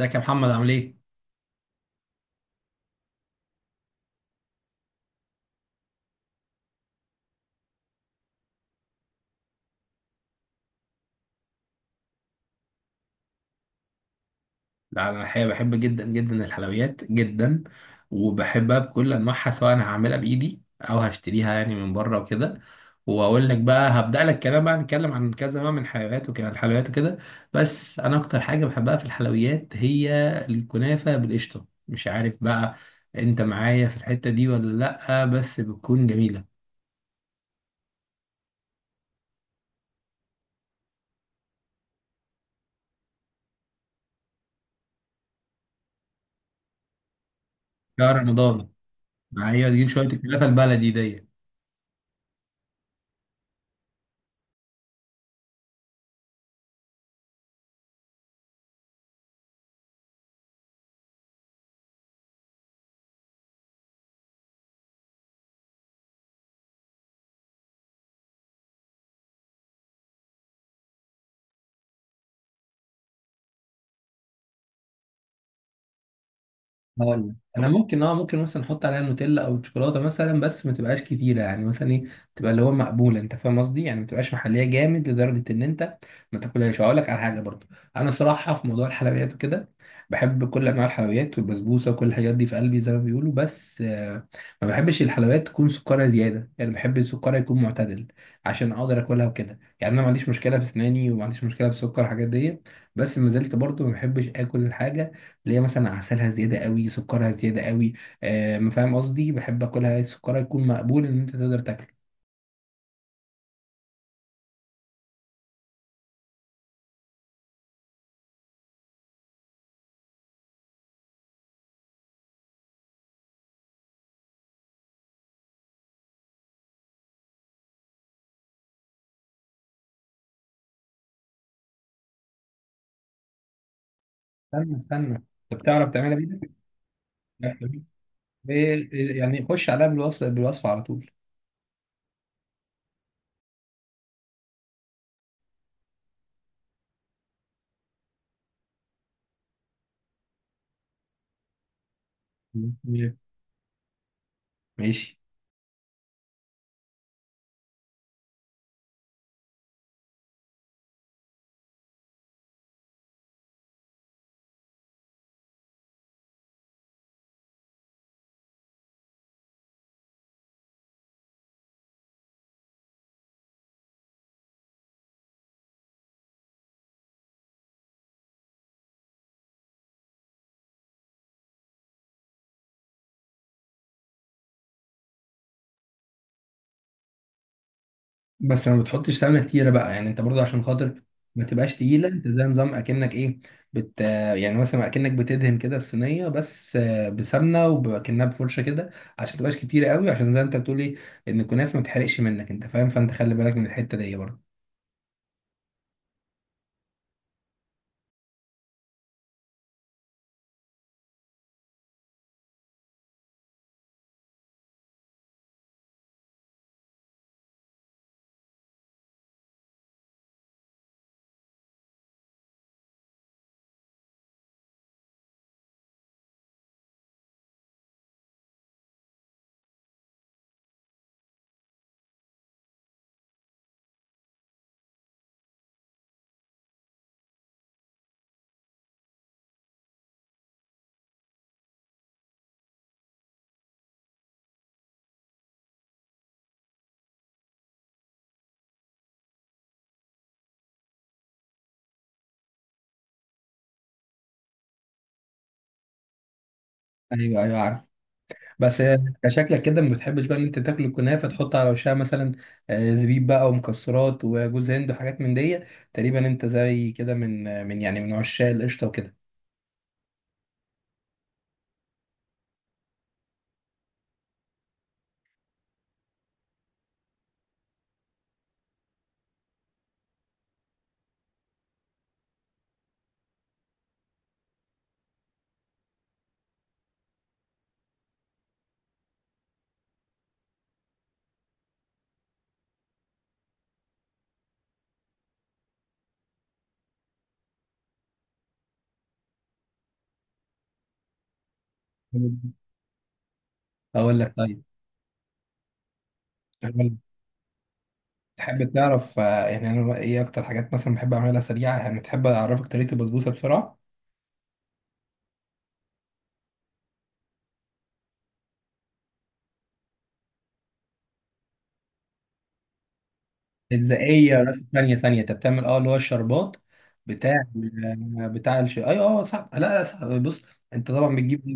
ازيك يا محمد عامل ايه؟ لا، انا الحقيقه بحب جدا جدا الحلويات جدا. وبحبها بكل انواعها، سواء انا هعملها بايدي او هشتريها يعني من بره وكده. واقول لك بقى هبدا لك كلام بقى، نتكلم عن كذا نوع من الحلويات وكده. بس انا اكتر حاجه بحبها في الحلويات هي الكنافه بالقشطه. مش عارف بقى، انت معايا في الحته دي ولا؟ لا بس بتكون جميله. شهر رمضان. معايا تجيب شويه الكنافه البلدي دي. هقول لك، انا ممكن، ممكن مثلا احط عليها نوتيلا او شوكولاته مثلا، بس ما تبقاش كتيره، يعني مثلا ايه، تبقى اللي هو مقبوله، انت فاهم قصدي، يعني ما تبقاش محليه جامد لدرجه ان انت ما تاكلهاش. هقول لك على حاجه برضو. انا صراحه في موضوع الحلويات وكده، بحب كل انواع الحلويات والبسبوسه وكل الحاجات دي في قلبي زي ما بيقولوا، بس ما بحبش الحلويات تكون سكرها زياده، يعني بحب السكر يكون معتدل عشان اقدر اكلها وكده. يعني انا ما عنديش مشكله في اسناني، وما عنديش مشكله في السكر والحاجات دي. بس ما زلت برضو ما بحبش اكل الحاجه اللي هي مثلا عسلها زياده قوي، سكرها زياده قوي. ما فاهم قصدي، بحب اكلها سكرها يكون مقبول ان انت تقدر تاكله. استنى استنى. انت بتعرف تعملها بايدك؟ بتعرف تعملها؟ يعني خش عليها بالوصف على طول. مم. ماشي. بس ما بتحطش سمنه كتيره بقى، يعني انت برضه، عشان خاطر ما تبقاش تقيله، انت زي نظام اكنك ايه. بت يعني مثلا اكنك بتدهن كده الصينيه بس بسمنه، وبكنها بفرشه كده عشان ما تبقاش كتيره قوي، عشان زي انت بتقولي ان الكنافه ما تحرقش منك، انت فاهم، فانت خلي بالك من الحته دي برضه. ايوه، ايوه، عارف. بس شكلك كده ما بتحبش بقى ان انت تاكل الكنافه تحط على وشها مثلا زبيب بقى ومكسرات وجوز هند وحاجات من دي. تقريبا انت زي كده من من عشاق القشطه وكده. اقول لك، طيب. أقول لك. تحب تعرف يعني انا ايه اكتر حاجات مثلا بحب اعملها سريعه، يعني تحب اعرفك طريقه البسبوسه بسرعه؟ اتزاقيه، بس ثانيه ثانيه، انت بتعمل اللي هو الشربات بتاع آه، بتاع الش... اي، اه، صح، لا لا، صح، بص. انت طبعا بتجيب.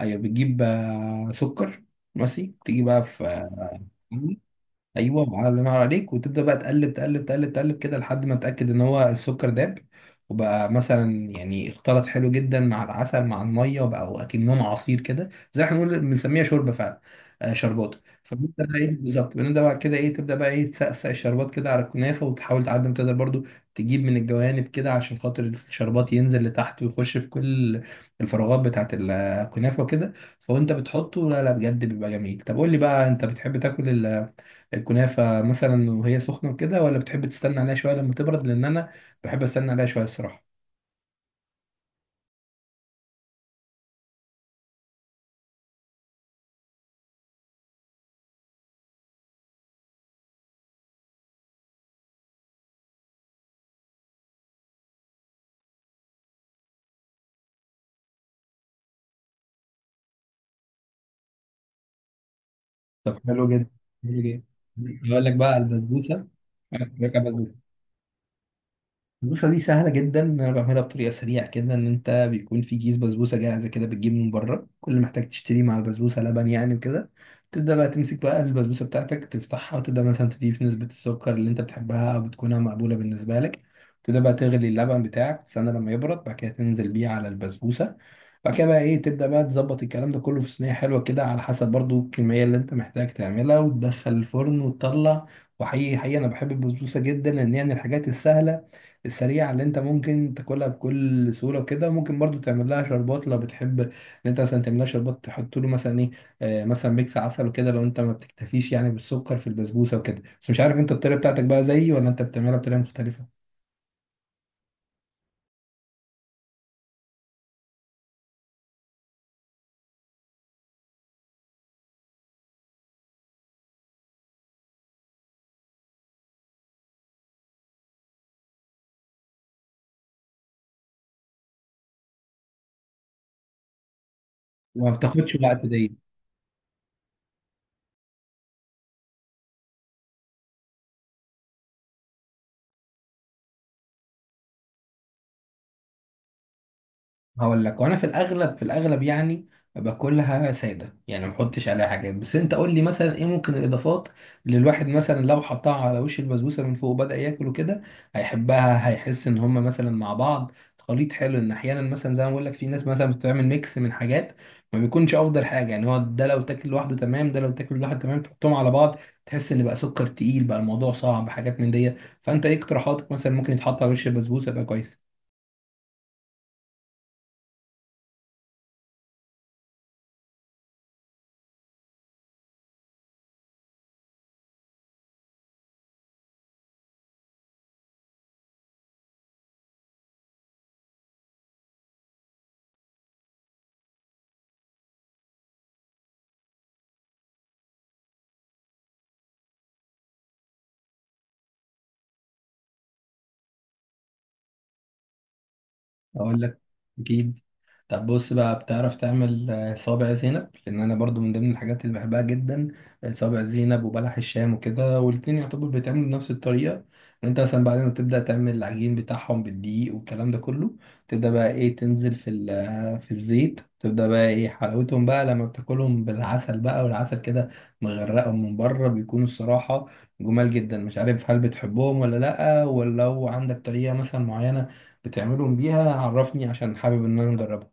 ايوه، بتجيب سكر. ماشي، تيجي بقى في آه، ايوه. الله ينور عليك، وتبدا بقى تقلب تقلب تقلب تقلب كده لحد ما تتاكد ان هو السكر داب، وبقى مثلا يعني اختلط حلو جدا مع العسل مع الميه، وبقى اكنهم عصير كده، زي احنا بنقول بنسميها شوربه فعلا. آه، شربات. فبنبدا بقى ايه بالظبط، بنبدا بقى كده ايه، تبدا بقى ايه، تسقسق الشربات كده على الكنافه، وتحاول تعدي ما تقدر برضو تجيب من الجوانب كده عشان خاطر الشربات ينزل لتحت ويخش في كل الفراغات بتاعت الكنافه وكده. فوانت بتحطه، لا لا، بجد بيبقى جميل. طب قول لي بقى، انت بتحب تاكل الكنافة مثلا وهي سخنة كده، ولا بتحب تستنى عليها شوية لما تبرد؟ لأن أنا بحب أستنى عليها شوية الصراحة. طب حلو جدا. حلو جدا. أقول لك بقى على البسبوسة. أنا كنت باكل بسبوسة. البسبوسة دي سهلة جدا، إن أنا بعملها بطريقة سريعة كده، إن أنت بيكون في كيس بسبوسة جاهزة كده، بتجيب من بره كل اللي محتاج تشتريه مع البسبوسة، لبن يعني وكده. تبدأ بقى تمسك بقى البسبوسة بتاعتك، تفتحها، وتبدأ مثلا تضيف نسبة السكر اللي أنت بتحبها، أو بتكونها مقبولة بالنسبة لك. تبدأ بقى تغلي اللبن بتاعك، تستنى لما يبرد، بعد كده تنزل بيه على البسبوسة. بعد كده بقى ايه، تبدأ بقى تظبط الكلام ده كله في صينية حلوة كده، على حسب برضو الكمية اللي انت محتاج تعملها، وتدخل الفرن وتطلع. وحقيقي حقيقي انا بحب البسبوسة جدا، لان هي من الحاجات السهلة السريعة اللي انت ممكن تاكلها بكل سهولة وكده. ممكن برضو تعمل لها شربات لو بتحب ان انت مثلا تعمل لها شربات، تحط له مثلا ايه، مثلا ميكس عسل وكده، لو انت ما بتكتفيش يعني بالسكر في البسبوسة وكده. بس مش عارف انت الطريقة بتاعتك بقى زيي، ولا انت بتعملها بطريقة مختلفة؟ وما بتاخدش وقت دي. هقول لك، وانا في الاغلب، يعني باكلها ساده، يعني ما بحطش عليها حاجات. بس انت قول لي مثلا ايه ممكن الاضافات اللي الواحد مثلا لو حطها على وش البسبوسه من فوق وبدا ياكل وكده هيحبها، هيحس ان هم مثلا مع بعض خليط حلو. ان احيانا مثلا زي ما بقول لك، في ناس مثلا بتعمل ميكس من حاجات ما بيكونش افضل حاجه، يعني هو ده لو تاكل لوحده تمام، تحطهم على بعض، تحس ان بقى سكر تقيل، بقى الموضوع صعب، حاجات من دي. فانت ايه اقتراحاتك مثلا ممكن يتحط على وش البسبوسه يبقى كويس؟ اقول لك، اكيد. طب بص بقى، بتعرف تعمل صابع زينب؟ لان انا برضو من ضمن الحاجات اللي بحبها جدا صابع زينب وبلح الشام وكده، والاتنين يعتبر بيتعملوا بنفس الطريقه. ان انت مثلا بعد ما تبدا تعمل العجين بتاعهم بالدقيق والكلام ده كله، تبدا بقى ايه، تنزل في ال- آه، في الزيت، تبدا بقى ايه، حلاوتهم بقى لما بتاكلهم بالعسل بقى، والعسل كده مغرقهم من بره، بيكونوا الصراحه جمال جدا. مش عارف هل بتحبهم ولا لا، ولو عندك طريقه مثلا معينه بتعملهم بيها عرفني عشان حابب ان انا اجربها.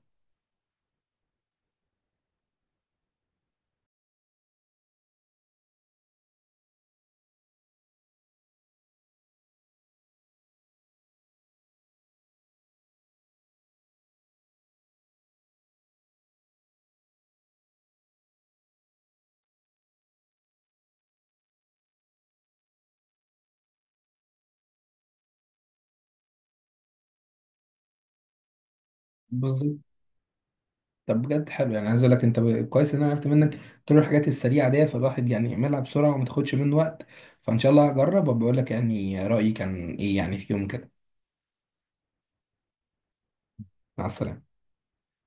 بالظبط. طب بجد حلو، يعني عايز اقول لك انت كويس ان انا عرفت منك كل الحاجات السريعه دي، فالواحد يعني يعملها بسرعه وما تاخدش منه وقت. فان شاء الله هجرب وبقول لك يعني رايي كان ايه، يعني في يوم كده. مع السلامه.